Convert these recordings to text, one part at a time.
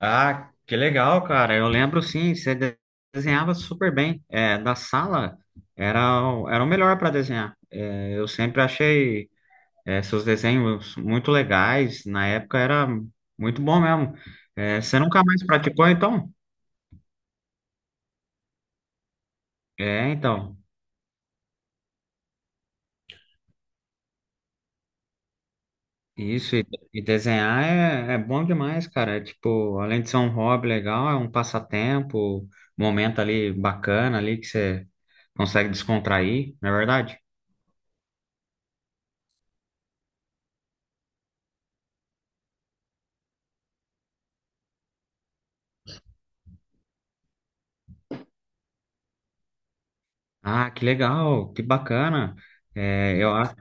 Ah, que legal, cara. Eu lembro sim, desenhava super bem. Da sala era o melhor para desenhar. Eu sempre achei seus desenhos muito legais. Na época era muito bom mesmo. É, você nunca mais praticou, então? É, então. Isso, e desenhar é bom demais, cara. É, tipo, além de ser um hobby legal, é um passatempo, momento ali bacana ali que você consegue descontrair, não é verdade? Ah, que legal, que bacana. Eu acho,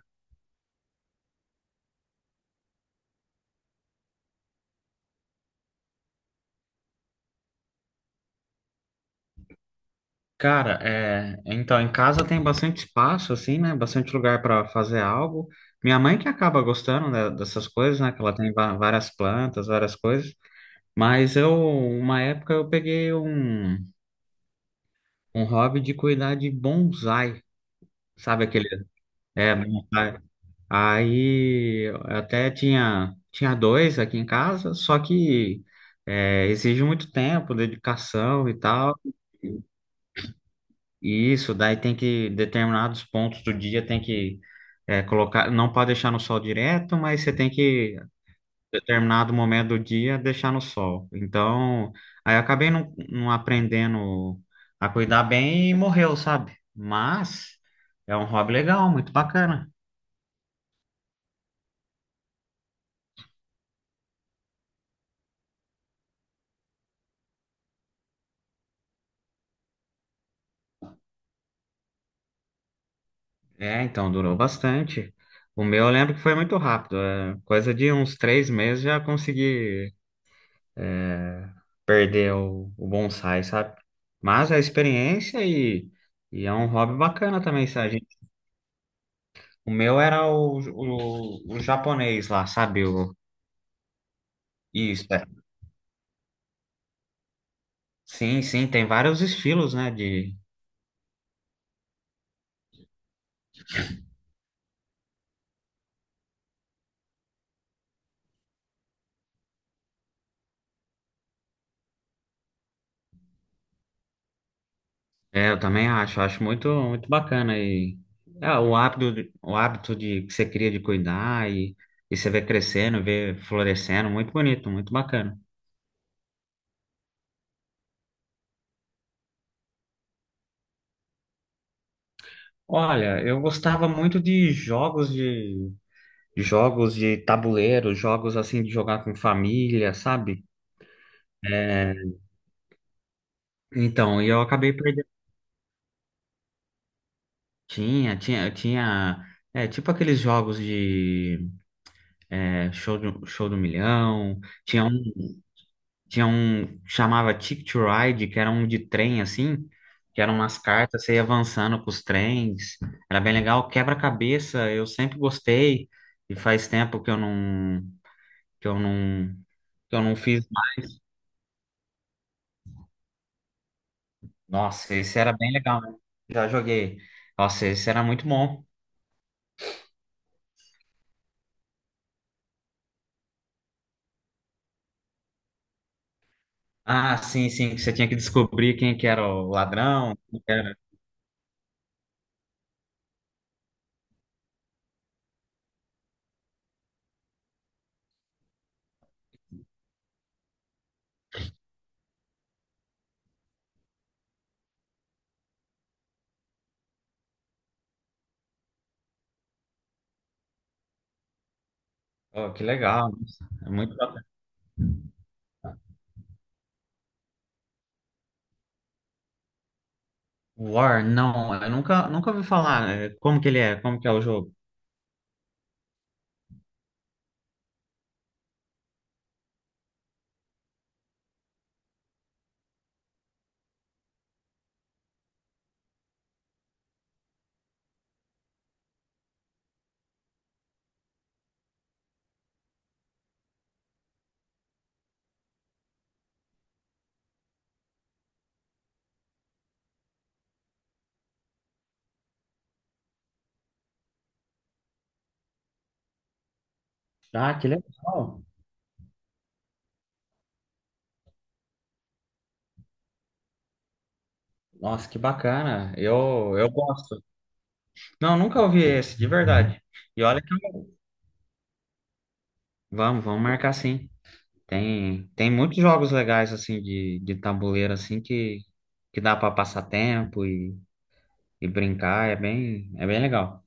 cara, então em casa tem bastante espaço, assim, né? Bastante lugar para fazer algo. Minha mãe que acaba gostando né, dessas coisas, né? Que ela tem várias plantas, várias coisas. Mas eu, uma época, um hobby de cuidar de bonsai, sabe aquele? É, bonsai. Aí eu até tinha, tinha dois aqui em casa, só que exige muito tempo, dedicação e tal. E isso, determinados pontos do dia tem que colocar, não pode deixar no sol direto, mas você tem que, determinado momento do dia, deixar no sol. Então, aí eu acabei não, não aprendendo a cuidar bem e morreu, sabe? Mas é um hobby legal, muito bacana. É, então durou bastante. O meu eu lembro que foi muito rápido, coisa de uns 3 meses já consegui perder o bonsai, sabe? Mas é experiência e é um hobby bacana também, sabe? O meu era o japonês lá, sabe? O, isso, é. Sim, sim, tem vários estilos, né? De, é, eu também acho, muito bacana e o hábito de que você cria de cuidar e você vê crescendo, vê florescendo, muito bonito, muito bacana. Olha, eu gostava muito de jogos de jogos de tabuleiro, jogos assim de jogar com família, sabe? É, Então, e eu acabei perdendo. Tinha. É, tipo aqueles jogos de show do milhão. Tinha um chamava Ticket to Ride, que era um de trem, assim, que eram umas cartas, você ia avançando com os trens. Era bem legal. Quebra-cabeça, eu sempre gostei. E faz tempo que eu não, que eu não fiz. Nossa, esse era bem legal, né? Já joguei. Nossa, esse era muito bom. Ah, sim, sim, que você tinha que descobrir quem que era o ladrão, Oh, que legal. É muito bacana. War, não, eu nunca, nunca ouvi falar, né? Como que ele é? Como que é o jogo? Ah, que legal. Nossa, que bacana. Eu gosto. Não, nunca ouvi esse, de verdade. E olha que... vamos marcar sim. Tem muitos jogos legais, assim, de tabuleiro, assim, que dá para passar tempo e brincar, é bem legal.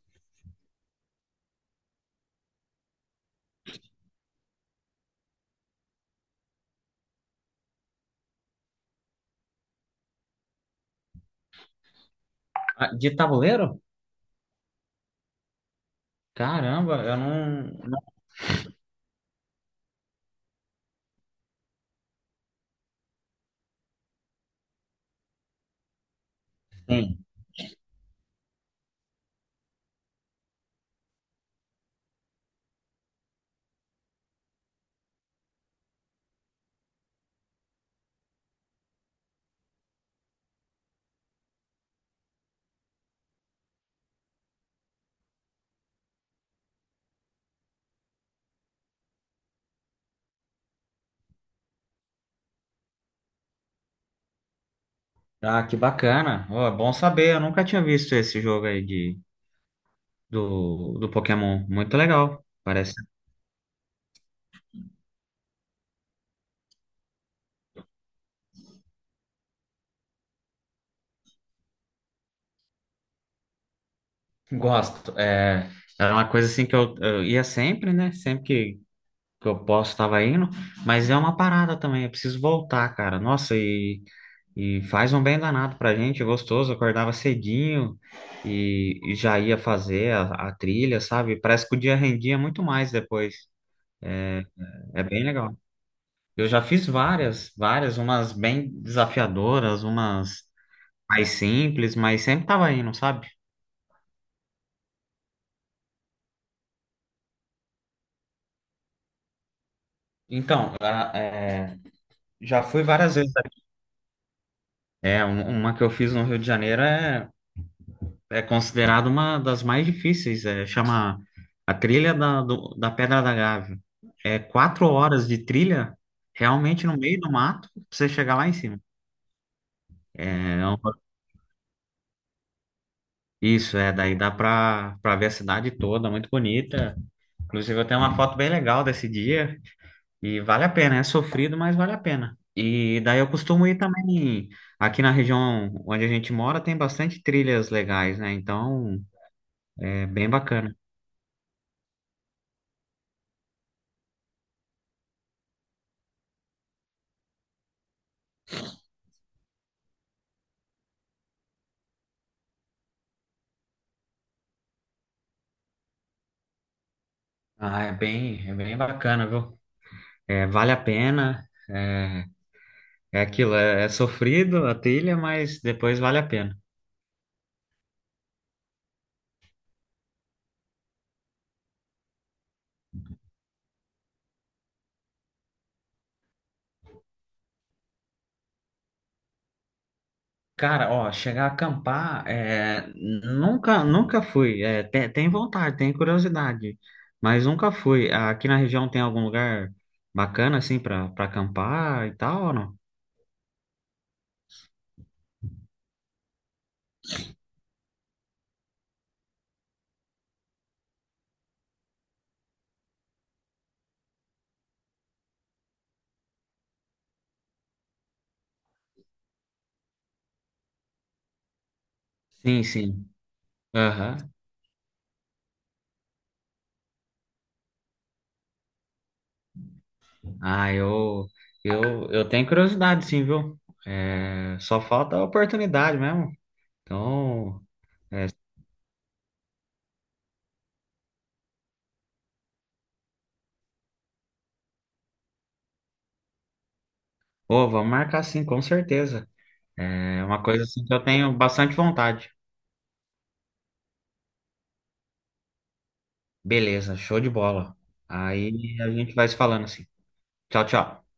Ah, de tabuleiro? Caramba, eu não, não tenho. Ah, que bacana. Ó, é bom saber, eu nunca tinha visto esse jogo aí do Pokémon. Muito legal, parece. Gosto. É, era uma coisa assim eu ia sempre, né? Sempre que eu posso, estava indo. Mas é uma parada também, eu preciso voltar, cara. Nossa, e E faz um bem danado pra gente, gostoso. Acordava cedinho e já ia fazer a trilha, sabe? Parece que o dia rendia muito mais depois. É bem legal. Eu já fiz várias, umas bem desafiadoras, umas mais simples, mas sempre tava indo, sabe? Então, já fui várias vezes. É, uma que eu fiz no Rio de Janeiro é considerado uma das mais difíceis. É, chama a trilha da Pedra da Gávea. É 4 horas de trilha, realmente no meio do mato, pra você chegar lá em cima. É um- Isso, é, daí dá pra, pra ver a cidade toda, muito bonita. Inclusive, eu tenho uma foto bem legal desse dia e vale a pena, é sofrido, mas vale a pena. E daí eu costumo ir também, aqui na região onde a gente mora, tem bastante trilhas legais, né? Então, é bem bacana. Ah, é bem bacana, viu? É, vale a pena. É, é aquilo, é sofrido a trilha, mas depois vale a pena. Cara, ó, chegar a acampar, é, nunca fui. É, tem vontade, tem curiosidade, mas nunca fui. Aqui na região tem algum lugar bacana assim para para acampar e tal, ou não? Sim, sim. Aham. Ah, eu, eu tenho curiosidade, sim, viu? É, só falta a oportunidade mesmo. Então, é, ô, vamos marcar sim, com certeza. É uma coisa assim que eu tenho bastante vontade. Beleza, show de bola. Aí a gente vai se falando assim. Tchau, tchau.